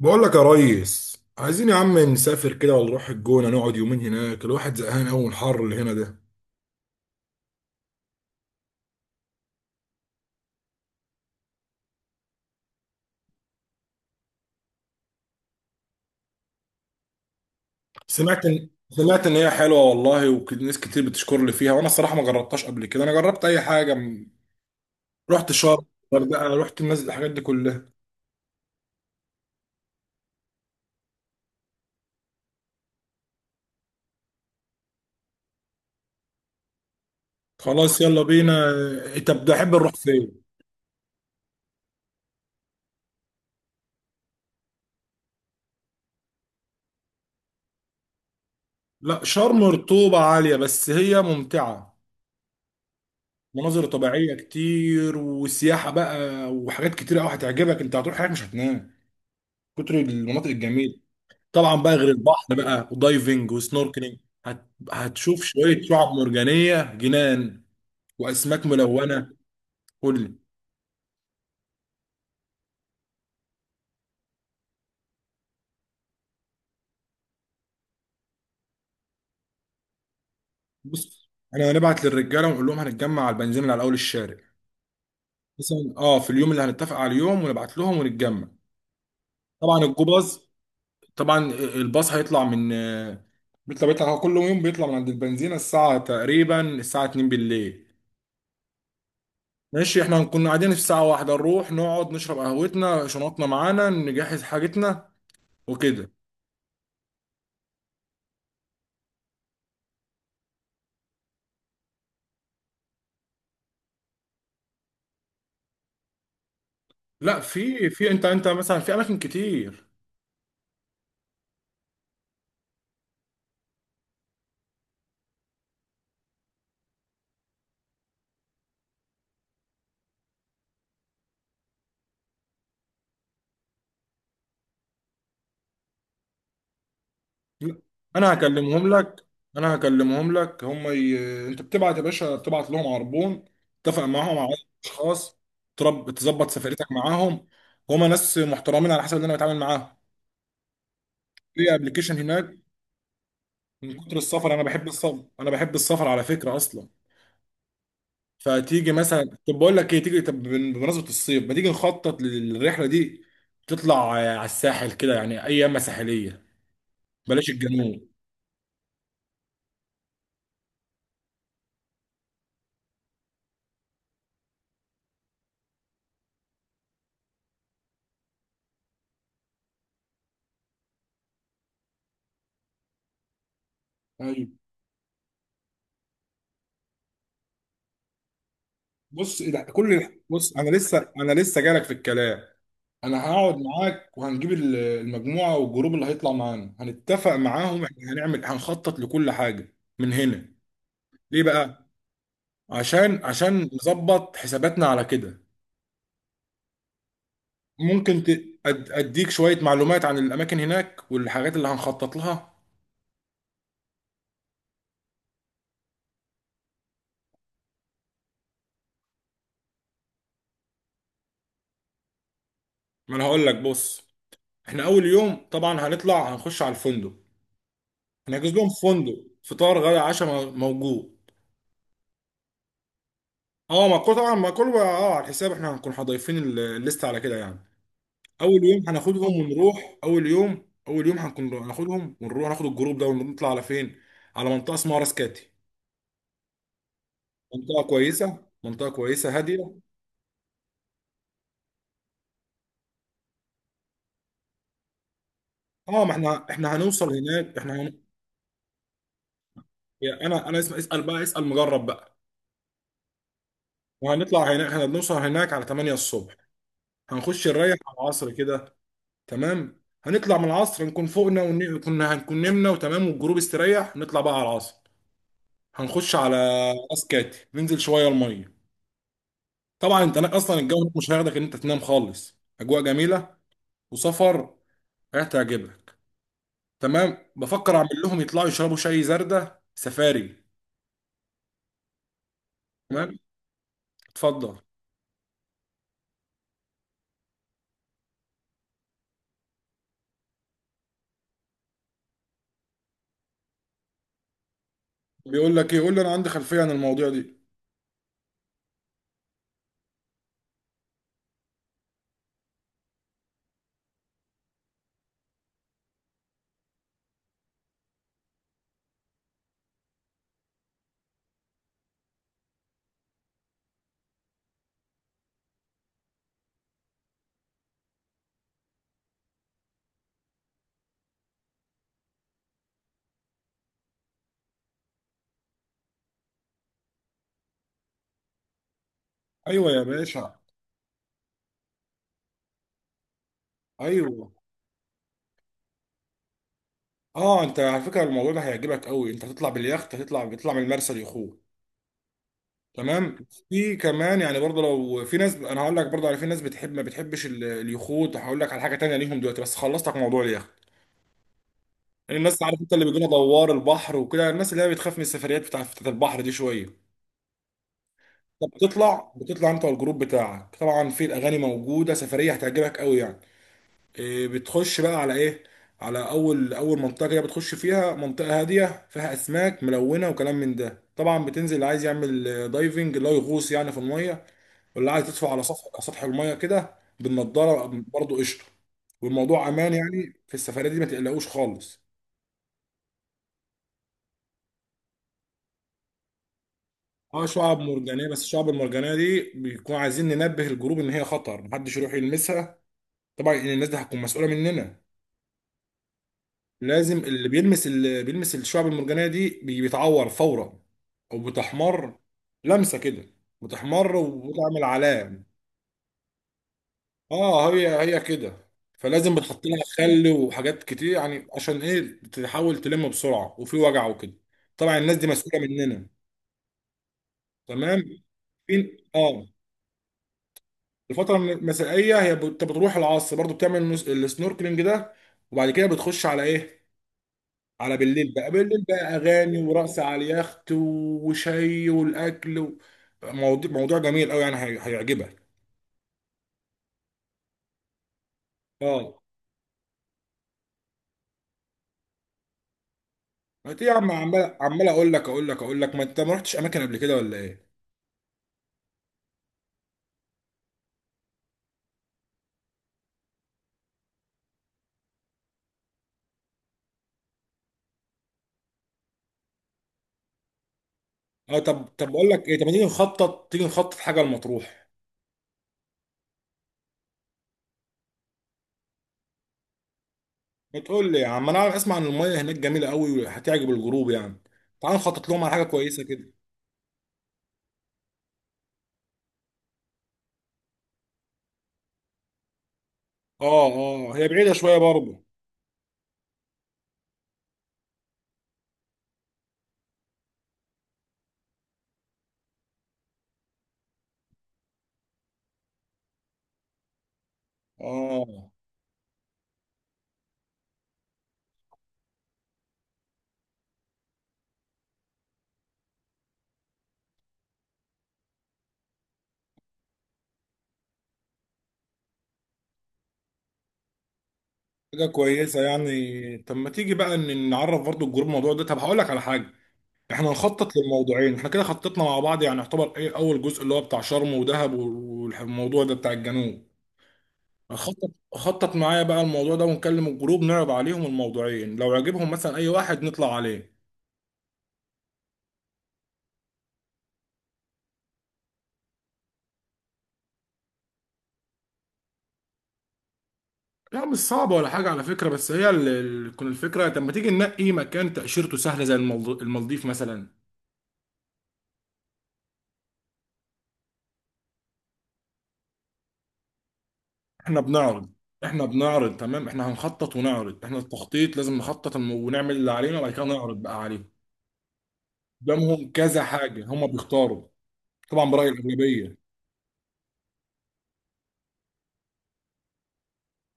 بقول لك يا ريس، عايزين يا عم نسافر كده ولا نروح الجونة نقعد يومين هناك؟ الواحد زهقان قوي من الحر اللي هنا ده. سمعت ان هي حلوة والله، وناس كتير بتشكر لي فيها، وانا الصراحة ما جربتهاش قبل كده. انا جربت اي حاجة، رحت شرم، الغردقة، رحت الناس، الحاجات دي كلها. خلاص يلا بينا. إيه، طب ده احب نروح فين؟ لا، شرم رطوبة عالية بس هي ممتعة، مناظر طبيعية كتير وسياحة بقى، وحاجات كتير قوي هتعجبك. انت هتروح هناك مش هتنام كتر المناطق الجميلة. طبعا بقى، غير البحر بقى ودايفنج وسنوركلينج. هتشوف شويه شعاب مرجانيه جنان واسماك ملونه. قول لي. بص، انا هنبعت للرجاله ونقول لهم هنتجمع على البنزين اللي على اول الشارع مثلا. اه، في اليوم اللي هنتفق على اليوم ونبعت لهم ونتجمع. طبعا الجوباز، طبعا الباص هيطلع من، بيطلع هو كل يوم بيطلع من عند البنزينه الساعه، تقريبا الساعه 2 بالليل. ماشي، احنا هنكون قاعدين في الساعه واحدة، نروح نقعد نشرب قهوتنا، شنطنا معانا، نجهز حاجتنا وكده. لا، في انت مثلا في اماكن كتير. انا هكلمهم لك انا هكلمهم لك. هم انت بتبعت يا باشا، بتبعت لهم عربون، اتفق معاهم على عدد اشخاص، تظبط سفريتك معاهم. هما ناس محترمين على حسب اللي انا بتعامل معاهم في ابلكيشن هناك، من كتر السفر. انا بحب السفر على فكره اصلا. فتيجي مثلا، طب بقول لك ايه، تيجي طب، بمناسبه الصيف ما تيجي نخطط للرحله دي، تطلع على الساحل كده يعني، اي يمه ساحليه، بلاش الجنوب. أيوة. بص، إيه ده؟ بص انا لسه جالك في الكلام. انا هقعد معاك، وهنجيب المجموعه والجروب اللي هيطلع معانا، هنتفق معاهم، احنا هنعمل، هنخطط لكل حاجه من هنا. ليه بقى؟ عشان نظبط حساباتنا على كده. ممكن ت- اديك شويه معلومات عن الاماكن هناك والحاجات اللي هنخطط لها. ما انا هقول لك، بص. احنا اول يوم طبعا هنطلع، هنخش على الفندق. هنحجز لهم فندق، فطار غدا عشاء موجود. اه، ما كله طبعا، ما كله بقى اه على الحساب. احنا هنكون هضيفين الليست على كده يعني. اول يوم هناخدهم، ايوه، ونروح. اول يوم هنكون هناخدهم ونروح ناخد الجروب ده ونطلع على فين، على منطقه اسمها راس كاتي. منطقه كويسه، منطقه كويسه هاديه. اه، ما احنا هنوصل هناك احنا يعني انا اسال مجرب بقى. وهنطلع هناك، احنا بنوصل هناك على 8 الصبح، هنخش نريح على العصر كده. تمام، هنطلع من العصر، نكون فوقنا كنا هنكون نمنا وتمام، والجروب استريح، نطلع بقى على العصر، هنخش على راس كاتي، ننزل شويه الميه. طبعا انت هناك اصلا، الجو هناك مش هياخدك ان انت تنام خالص، اجواء جميله وسفر، هتعجبك. تمام، بفكر اعمل لهم يطلعوا يشربوا شاي زردة سفاري. تمام، اتفضل. بيقول لك ايه؟ قول لي، انا عندي خلفيه عن المواضيع دي. ايوه يا باشا، ايوه. اه، انت على فكره الموضوع ده هيعجبك قوي. انت هتطلع باليخت، بتطلع من المرسى ليخوت. تمام، في كمان يعني برضه، لو في ناس، انا هقول لك برضه على، في ناس بتحب، ما بتحبش اليخوت، هقول لك على حاجه تانية ليهم دلوقتي، بس خلصتك موضوع اليخت. يعني الناس، عارف انت، اللي بيجوا لنا دوار البحر وكده، الناس اللي هي بتخاف من السفريات بتاع، بتاعت البحر دي شويه. طب، بتطلع انت والجروب بتاعك، طبعا في الاغاني موجوده، سفريه هتعجبك قوي يعني. إيه، بتخش بقى على ايه؟ على اول، اول منطقه كده بتخش فيها، منطقه هاديه فيها اسماك ملونه وكلام من ده. طبعا بتنزل، اللي عايز يعمل دايفنج اللي هو يغوص يعني في الميه، واللي عايز يطفو على سطح الميه كده بالنضاره، برضه قشطه. والموضوع امان يعني في السفريه دي، ما تقلقوش خالص. اه، شعاب مرجانيه، بس الشعاب المرجانيه دي بيكون عايزين ننبه الجروب ان هي خطر، محدش يروح يلمسها. طبعا ان الناس دي هتكون مسؤوله مننا. لازم اللي بيلمس الشعاب المرجانيه دي، بيتعور فورا، او بتحمر لمسه كده، بتحمر وبتعمل علامه. اه، هي هي كده. فلازم بتحط لها خل وحاجات كتير يعني، عشان ايه، تحاول تلم بسرعه، وفي وجع وكده. طبعا الناس دي مسؤوله مننا. تمام، فين؟ اه، الفتره المسائيه، هي بتروح العصر برضو، بتعمل السنوركلينج ده، وبعد كده بتخش على ايه، على بالليل بقى. اغاني ورقص على اليخت، وشاي والاكل و... موضوع جميل قوي يعني، هيعجبك. اه، ما إنت يا عم، عمال عمال اقول لك، ما انت ما رحتش اماكن قبل كده ولا ايه؟ اه، طب بقول لك ايه، طب ما تيجي نخطط، تيجي نخطط حاجه لمطروح؟ بتقول لي يا عم، انا عارف، اسمع ان الميه هناك جميله قوي وهتعجب الجروب يعني. تعال نخطط لهم على حاجه كويسه كده. اه، اه، هي بعيده شويه برضه. اه، حاجه كويسه يعني. طب ما تيجي بقى ان نعرف برضه الجروب الموضوع ده، طب هقول لك على حاجه. احنا نخطط للموضوعين، احنا كده خططنا مع بعض يعني يعتبر، ايه اول جزء اللي هو بتاع شرم ودهب، والموضوع ده بتاع الجنوب. خطط معايا بقى الموضوع ده، ونكلم الجروب، نعرض عليهم الموضوعين، لو عجبهم مثلا اي واحد نطلع عليه. لا، مش صعبة ولا حاجة على فكرة، بس هي، تكون الفكرة، طب ما تيجي ننقي مكان تأشيرته سهلة زي المالديف مثلا. احنا بنعرض احنا بنعرض تمام، احنا هنخطط ونعرض، احنا التخطيط لازم نخطط ونعمل اللي علينا وبعد كده نعرض بقى عليهم. قدامهم كذا حاجة، هما بيختاروا، طبعا برأي الأغلبية.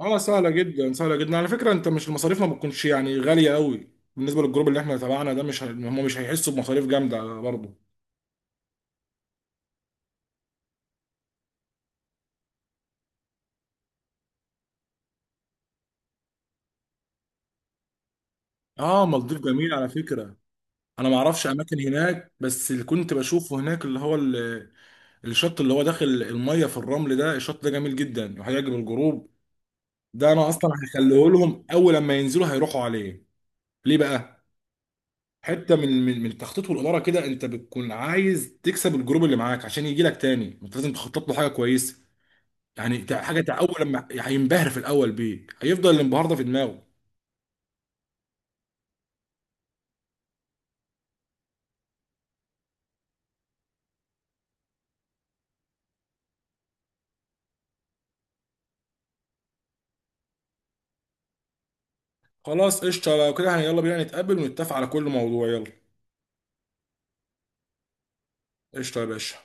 اه، سهله جدا على فكره، انت مش، المصاريف ما بتكونش يعني غاليه قوي. بالنسبه للجروب اللي احنا تبعنا ده، مش هم مش هيحسوا بمصاريف جامده برضه. اه، مالديف جميل على فكره. انا ما اعرفش اماكن هناك، بس اللي كنت بشوفه هناك اللي هو الشط اللي هو داخل الميه في الرمل ده، الشط ده جميل جدا وهيعجب الجروب. ده انا اصلا هخليه لهم اول لما ينزلوا هيروحوا عليه. ليه بقى؟ حته من التخطيط والاداره كده، انت بتكون عايز تكسب الجروب اللي معاك عشان يجي لك تاني، انت لازم تخطط له حاجه كويسه يعني. اول لما هينبهر في الاول بيك، هيفضل الانبهار ده في دماغه. خلاص قشطه لو كده يعني، يلا بينا نتقابل ونتفق على كل موضوع، يلا. قشطه يا باشا.